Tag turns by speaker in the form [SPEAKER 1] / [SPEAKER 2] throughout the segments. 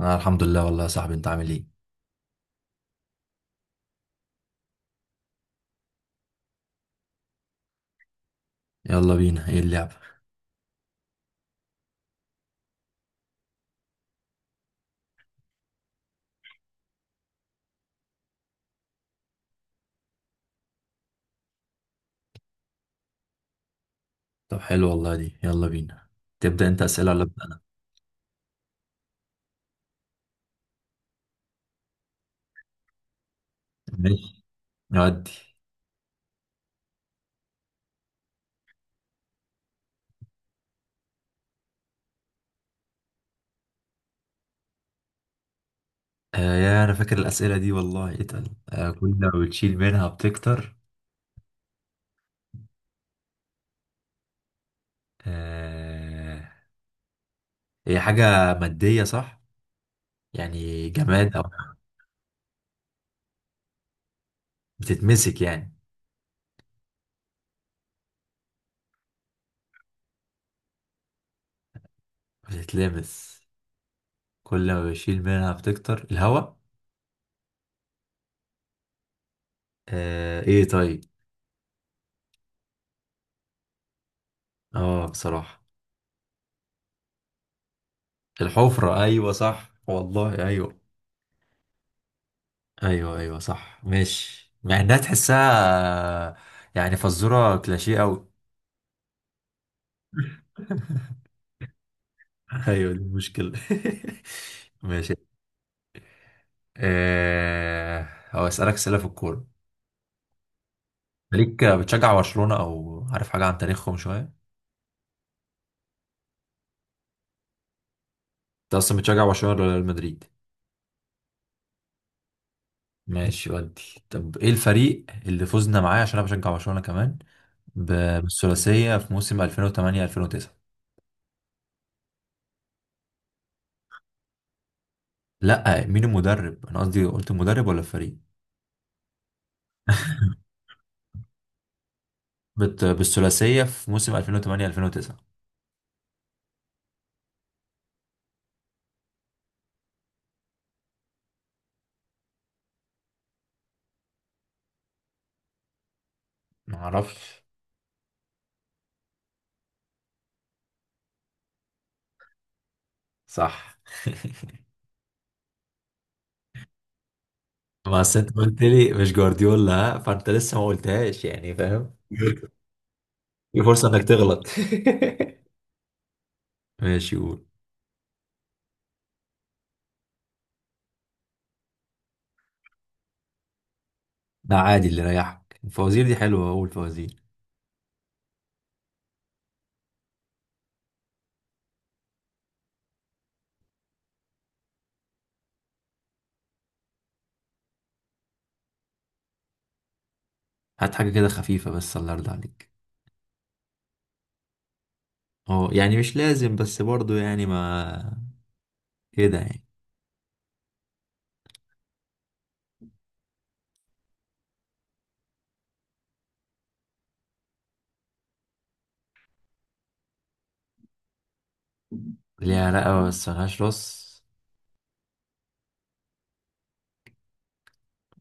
[SPEAKER 1] انا الحمد لله والله يا صاحبي، انت عامل ايه؟ يلا بينا، ايه اللعبة؟ طب حلو والله، دي يلا بينا. تبدأ انت اسئلة ولا ابدأ انا؟ ماشي، نودي. يا، انا فاكر الاسئلة دي والله اتقل. كل ما بتشيل منها بتكتر. آه، هي حاجة مادية صح؟ يعني جماد او بتتمسك يعني، بتتلمس. كل ما بشيل منها بتكتر، الهواء. آه، ايه طيب. اه، بصراحة. الحفرة، ايوه صح والله. ايوه، ايوه، ايوه صح، ماشي، مع انها تحسها يعني. فزوره كلاشيه قوي. ايوه دي المشكله. ماشي. هو اسالك اسئله في الكوره. ليك بتشجع برشلونه، او عارف حاجه عن تاريخهم شويه؟ انت اصلا بتشجع برشلونه ولا ريال مدريد؟ ماشي، ودي. طب ايه الفريق اللي فزنا معاه عشان انا بشجع برشلونه كمان بالثلاثيه في موسم 2008 2009؟ لا، مين المدرب؟ انا قصدي قلت المدرب ولا الفريق. بالثلاثية في موسم 2008 2009. ما اعرفش صح. ما أصل انت قلت لي مش جوارديولا ها؟ فانت لسه ما قلتهاش، يعني فاهم؟ في فرصة انك تغلط. ماشي قول. ده عادي اللي يريحك، الفوازير دي حلوة، أول فوازير. هات حاجة كده خفيفة بس، الله يرضى عليك. اه يعني مش لازم بس برضو يعني، ما كده يعني. ليها رقبة بس ملهاش راس؟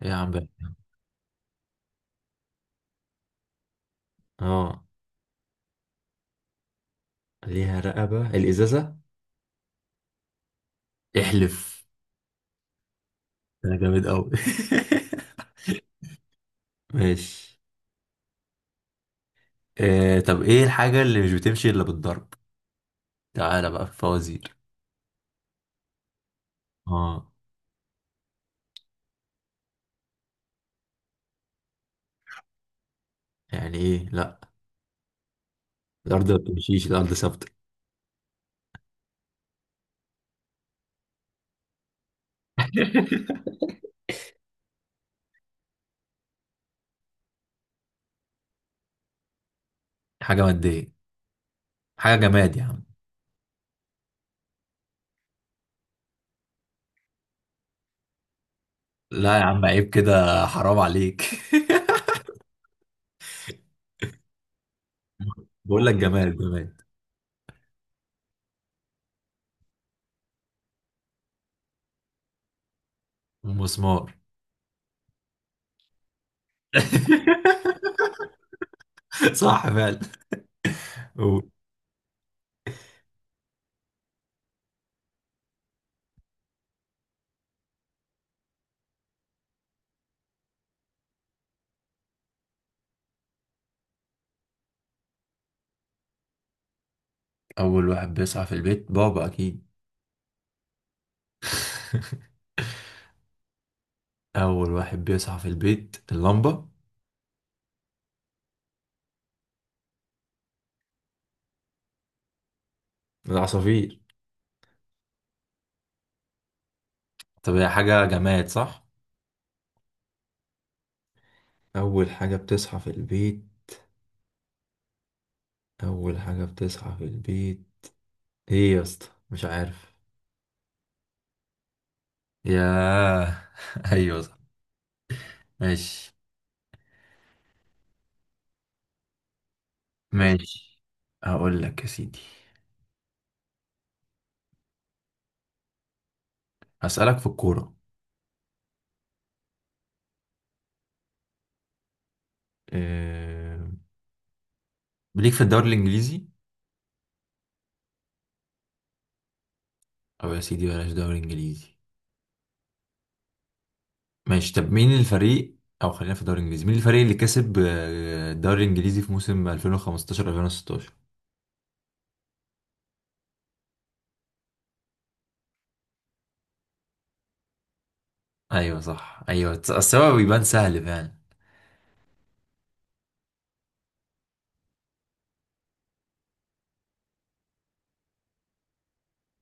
[SPEAKER 1] ايه يا عم بقى؟ اه، ليها رقبة، الإزازة. احلف. ده جامد أوي. ماشي. طب ايه الحاجة اللي مش بتمشي الا بالضرب؟ تعالى بقى في الفوازير. اه، يعني ايه؟ لا، الارض ما بتمشيش، الارض ثابتة. حاجة مادية، حاجة جماد يا عم. لا يا عم، عيب كده، حرام عليك. بقول لك جماد جماد. مسمار. صح فعلا. قول. اول واحد بيصحى في البيت بابا اكيد. اول واحد بيصحى في البيت اللمبة. العصافير. طب هي حاجة جماد صح؟ اول حاجة بتصحى في البيت. أول حاجة بتصحى في البيت. إيه يا اسطى، مش عارف. ياه. أيوة صح، ماشي. ماشي، هقول لك يا سيدي. هسألك في الكورة. أه... ليك في الدوري الإنجليزي؟ أو يا سيدي، بلاش دوري إنجليزي. ماشي، طب مين الفريق؟ أو خلينا في الدوري الإنجليزي، مين الفريق اللي كسب الدوري الإنجليزي في موسم 2015 2016؟ أيوة صح، أيوة السبب بيبان سهل فعلا.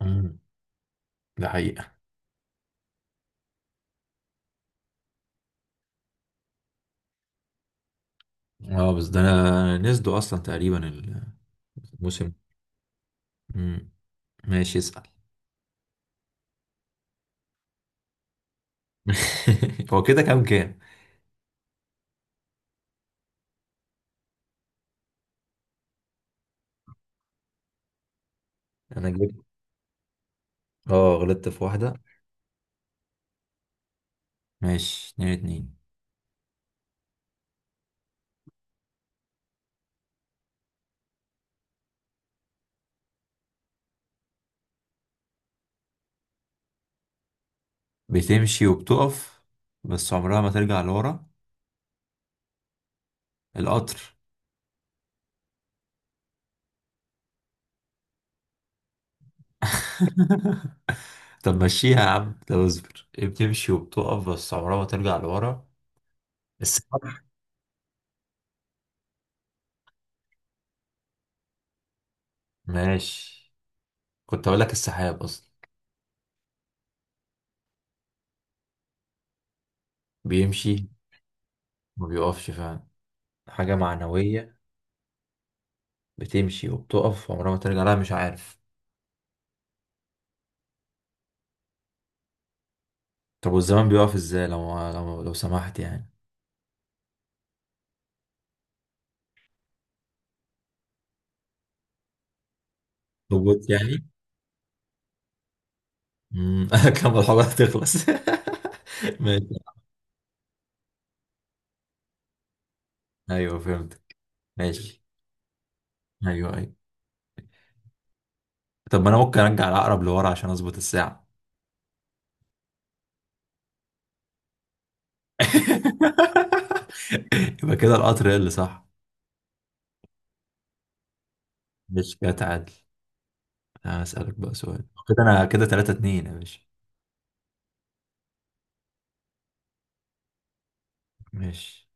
[SPEAKER 1] مم. ده حقيقة. اه بس ده انا نسدوا اصلا تقريبا الموسم. مم. ماشي، اسأل. هو كده كام كام؟ انا جبت. اه، غلطت في واحدة. ماشي، اتنين اتنين. بتمشي وبتقف بس عمرها ما ترجع لورا. القطر. طب مشيها يا عم، طب اصبر، ايه بتمشي وبتقف بس عمرها ما ترجع لورا. السحاب. ماشي، كنت اقول لك السحاب اصلا. بيمشي، ما بيقفش فعلا. حاجة معنوية بتمشي وبتقف عمرها ما ترجع. لا، مش عارف. طب والزمان بيقف ازاي لو سمحت يعني؟ روبوت يعني. مم. كم الحلقة تخلص. ماشي. ايوه فهمتك، ماشي. ايوه، ايوه. طب ما انا ممكن ارجع العقرب لورا عشان اظبط الساعة. يبقى كده القطر هي اللي صح. مش كده تعادل. هسألك بقى سؤال كده، انا كده 3-2 يا باشا. ماشي.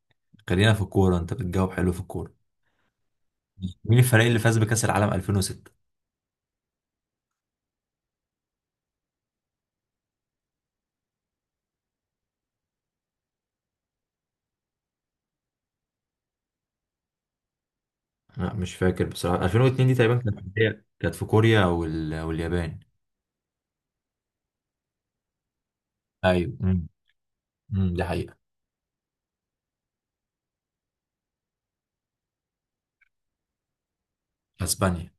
[SPEAKER 1] خلينا في الكورة، انت بتجاوب حلو في الكورة. مين الفريق اللي فاز بكأس العالم 2006؟ لا مش فاكر بصراحة. 2002 دي تقريبا كانت في، كانت في كوريا واليابان. ايوه، امم. أمم، دي حقيقة. اسبانيا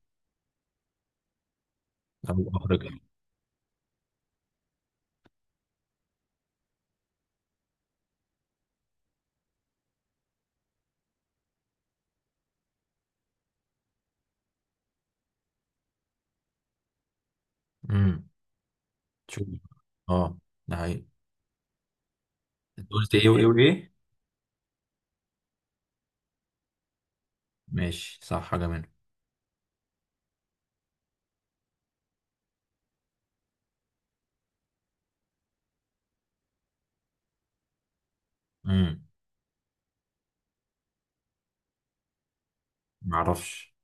[SPEAKER 1] او افريقيا. امم. شوف. اه، ده حقيقي. انت قلت ايه وايه وايه؟ ماشي، صح حاجه منهم. امم. ما اعرفش.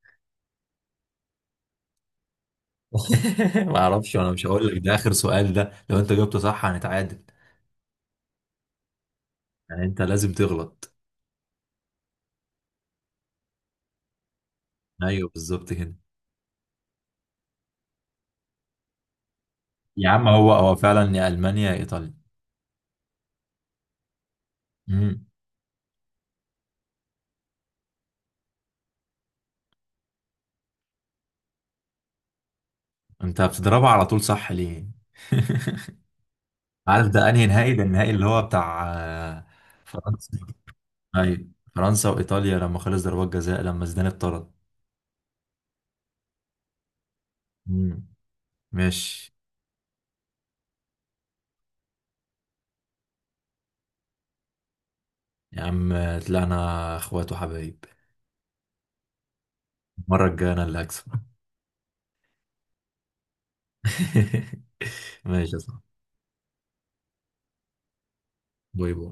[SPEAKER 1] ما اعرفش، وانا مش هقول لك، ده اخر سؤال، ده لو انت جاوبته صح هنتعادل. يعني انت لازم تغلط. ايوه بالظبط كده. يا عم هو هو فعلا يا المانيا يا ايطاليا. امم. انت بتضربها على طول صح؟ ليه؟ عارف ده انهي نهائي؟ ده النهائي اللي هو بتاع فرنسا. ايوه فرنسا وايطاليا لما خلص ضربات جزاء لما زيدان اتطرد. امم. ماشي يا عم، طلعنا اخوات وحبايب. المرة الجاية انا اللي هكسب. ماشي يا صاحبي، باي باي.